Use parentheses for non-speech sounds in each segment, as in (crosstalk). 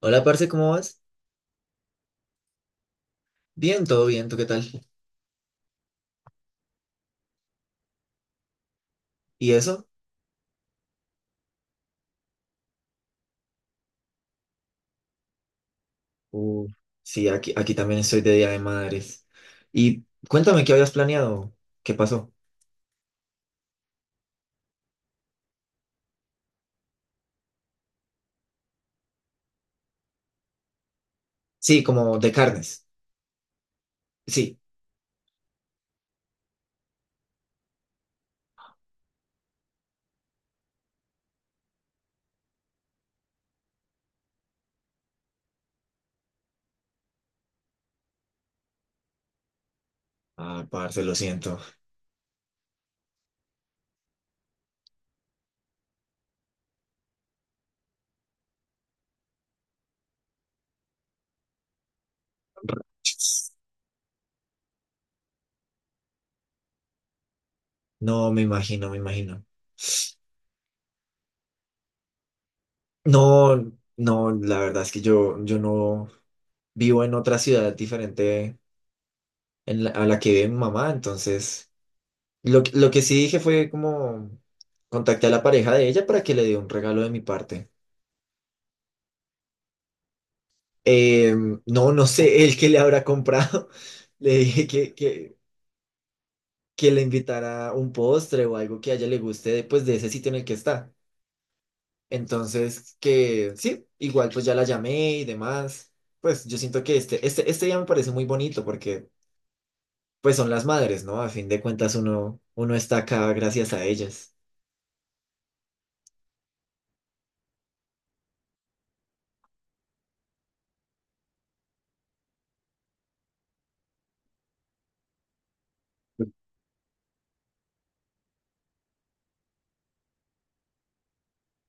Hola, parce, ¿cómo vas? Bien, todo bien, ¿tú qué tal? ¿Y eso? Uh, sí, aquí también estoy de Día de Madres. Y cuéntame qué habías planeado, qué pasó. Sí, como de carnes. Sí. Ah, parce, lo siento. No, me imagino. No, no, la verdad es que yo no vivo en otra ciudad diferente a la que vive mi mamá, entonces lo que sí dije fue como contacté a la pareja de ella para que le dé un regalo de mi parte. Eh, no, no sé, el que le habrá comprado. (laughs) Le dije que le invitara un postre o algo que a ella le guste de, pues, de ese sitio en el que está. Entonces, que sí, igual pues ya la llamé y demás. Pues yo siento que este día me parece muy bonito porque pues son las madres, ¿no? A fin de cuentas uno está acá gracias a ellas.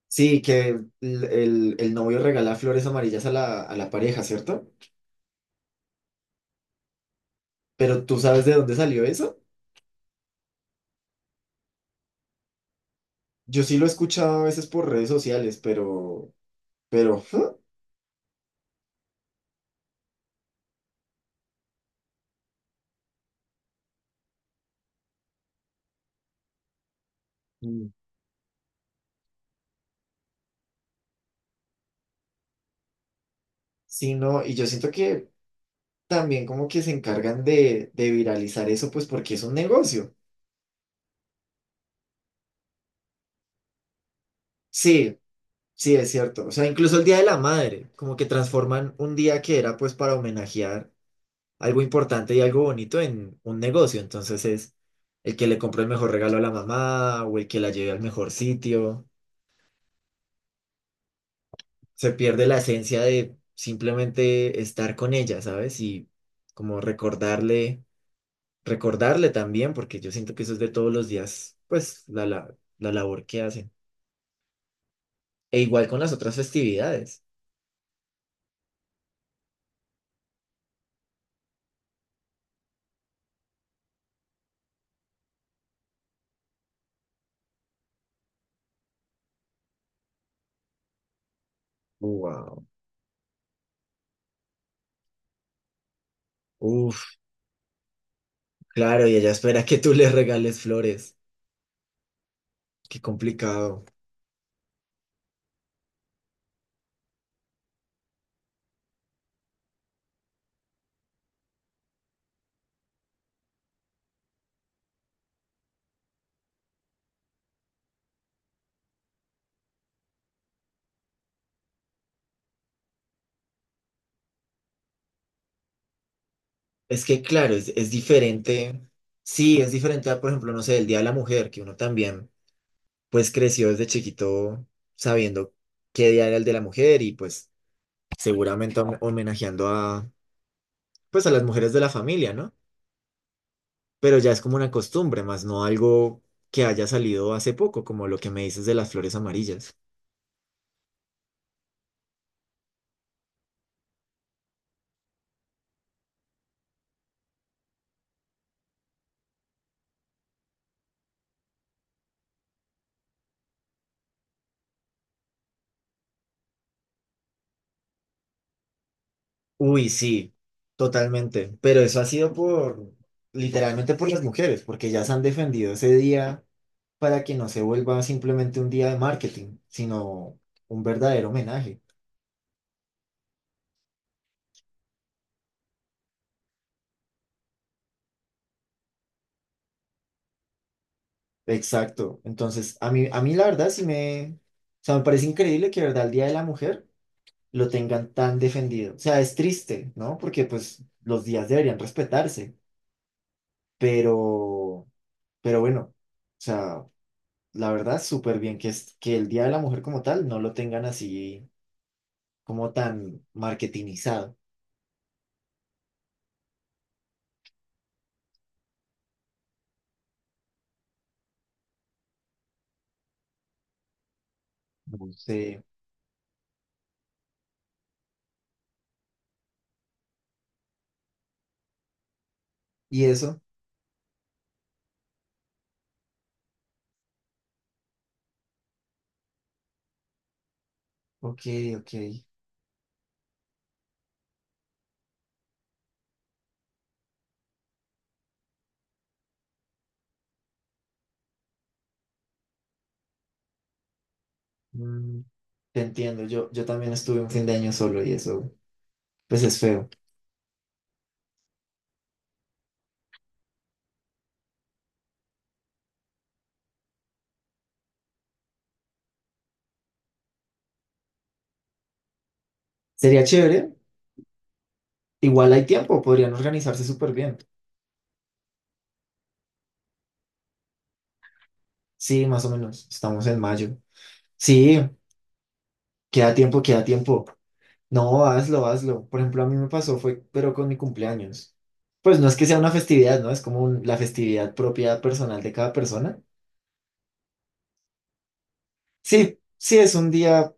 Sí, que el novio regala flores amarillas a a la pareja, ¿cierto? Pero ¿tú sabes de dónde salió eso? Yo sí lo he escuchado a veces por redes sociales, pero ¿huh? Mm. Sí, no, y yo siento que también como que se encargan de viralizar eso, pues porque es un negocio. Sí, sí, es cierto. O sea, incluso el Día de la Madre, como que transforman un día que era pues para homenajear algo importante y algo bonito en un negocio. Entonces es el que le compró el mejor regalo a la mamá o el que la lleve al mejor sitio. Se pierde la esencia de simplemente estar con ella, ¿sabes? Y como recordarle, recordarle también, porque yo siento que eso es de todos los días, pues la labor que hacen. E igual con las otras festividades. Wow. Uf, claro, y ella espera que tú le regales flores. Qué complicado. Es que, claro, es diferente. Sí, es diferente a, por ejemplo, no sé, el Día de la Mujer, que uno también, pues creció desde chiquito sabiendo qué día era el de la mujer y pues seguramente homenajeando a, pues a las mujeres de la familia, ¿no? Pero ya es como una costumbre, más no algo que haya salido hace poco, como lo que me dices de las flores amarillas. Uy, sí, totalmente, pero eso ha sido por, literalmente por las mujeres, porque ya se han defendido ese día para que no se vuelva simplemente un día de marketing, sino un verdadero homenaje. Exacto, entonces a mí la verdad sí me, o sea, me parece increíble que, de verdad, el Día de la Mujer lo tengan tan defendido. O sea, es triste, ¿no? Porque pues los días deberían respetarse, pero, pero bueno, o sea, la verdad, súper bien que, es, que el Día de la Mujer como tal no lo tengan así como tan marketingizado. No sé. ¿Y eso? Ok, ok. Mm, te entiendo, yo también estuve un fin de año solo y eso, pues es feo. Sería chévere, igual hay tiempo, podrían organizarse súper bien. Sí, más o menos, estamos en mayo. Sí. Queda tiempo. No, hazlo. Por ejemplo, a mí me pasó, fue, pero con mi cumpleaños. Pues no es que sea una festividad, ¿no? Es como la festividad propia personal de cada persona. Sí, sí, es un día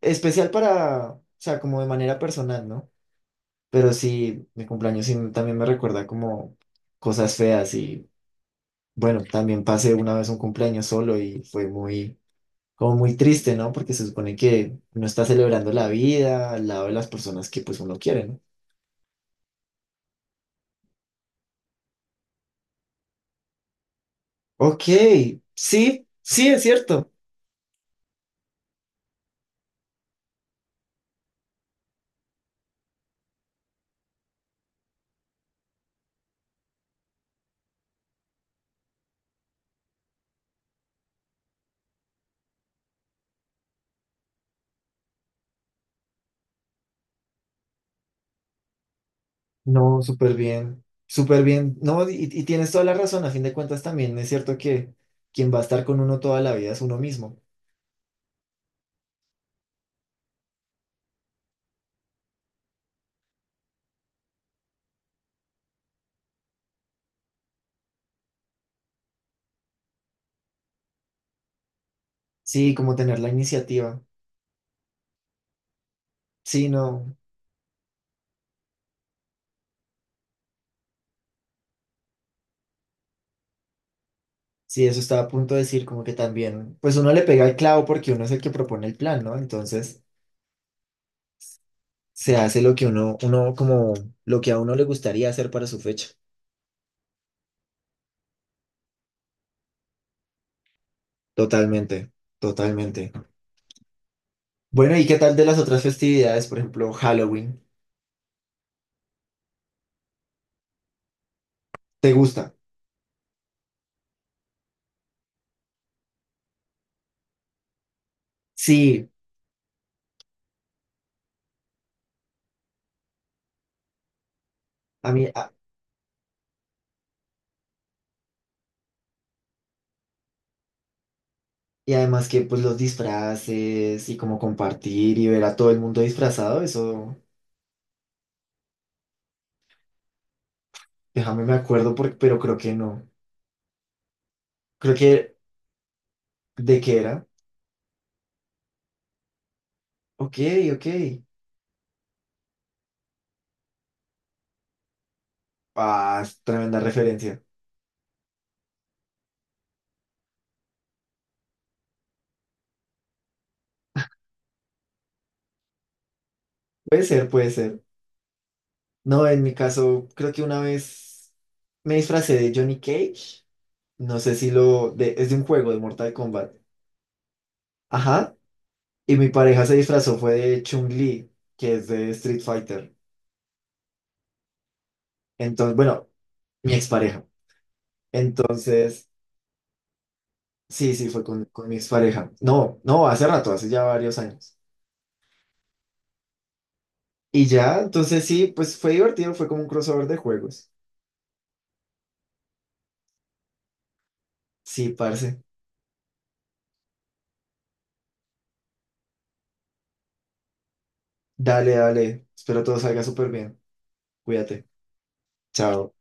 especial para, o sea, como de manera personal, ¿no? Pero sí, mi cumpleaños sí también me recuerda como cosas feas y, bueno, también pasé una vez un cumpleaños solo y fue muy, como muy triste, ¿no? Porque se supone que uno está celebrando la vida al lado de las personas que pues uno quiere, ¿no? Ok, sí, sí, es cierto. No, súper bien, súper bien. No, y tienes toda la razón, a fin de cuentas también es cierto que quien va a estar con uno toda la vida es uno mismo. Sí, como tener la iniciativa. Sí, no, sí, eso estaba a punto de decir, como que también, pues uno le pega el clavo porque uno es el que propone el plan, ¿no? Entonces se hace lo que uno como lo que a uno le gustaría hacer para su fecha. Totalmente, totalmente. Bueno, ¿y qué tal de las otras festividades? Por ejemplo, Halloween. ¿Te gusta? Sí. A mí, a- y además que pues los disfraces y como compartir y ver a todo el mundo disfrazado, eso, déjame me acuerdo, pero creo que no. Creo que, ¿de qué era? Ok, ok. Ah, es tremenda referencia. Puede ser, puede ser. No, en mi caso, creo que una vez me disfracé de Johnny Cage. No sé si lo... es de un juego de Mortal Kombat. Ajá. Y mi pareja se disfrazó fue de Chun-Li, que es de Street Fighter. Entonces, bueno, mi expareja. Entonces... Sí, sí, fue con mi expareja. No, no, hace rato, hace ya varios años. Y ya, entonces sí, pues fue divertido, fue como un crossover de juegos. Sí, parce. Dale, dale. Espero todo salga súper bien. Cuídate. Chao.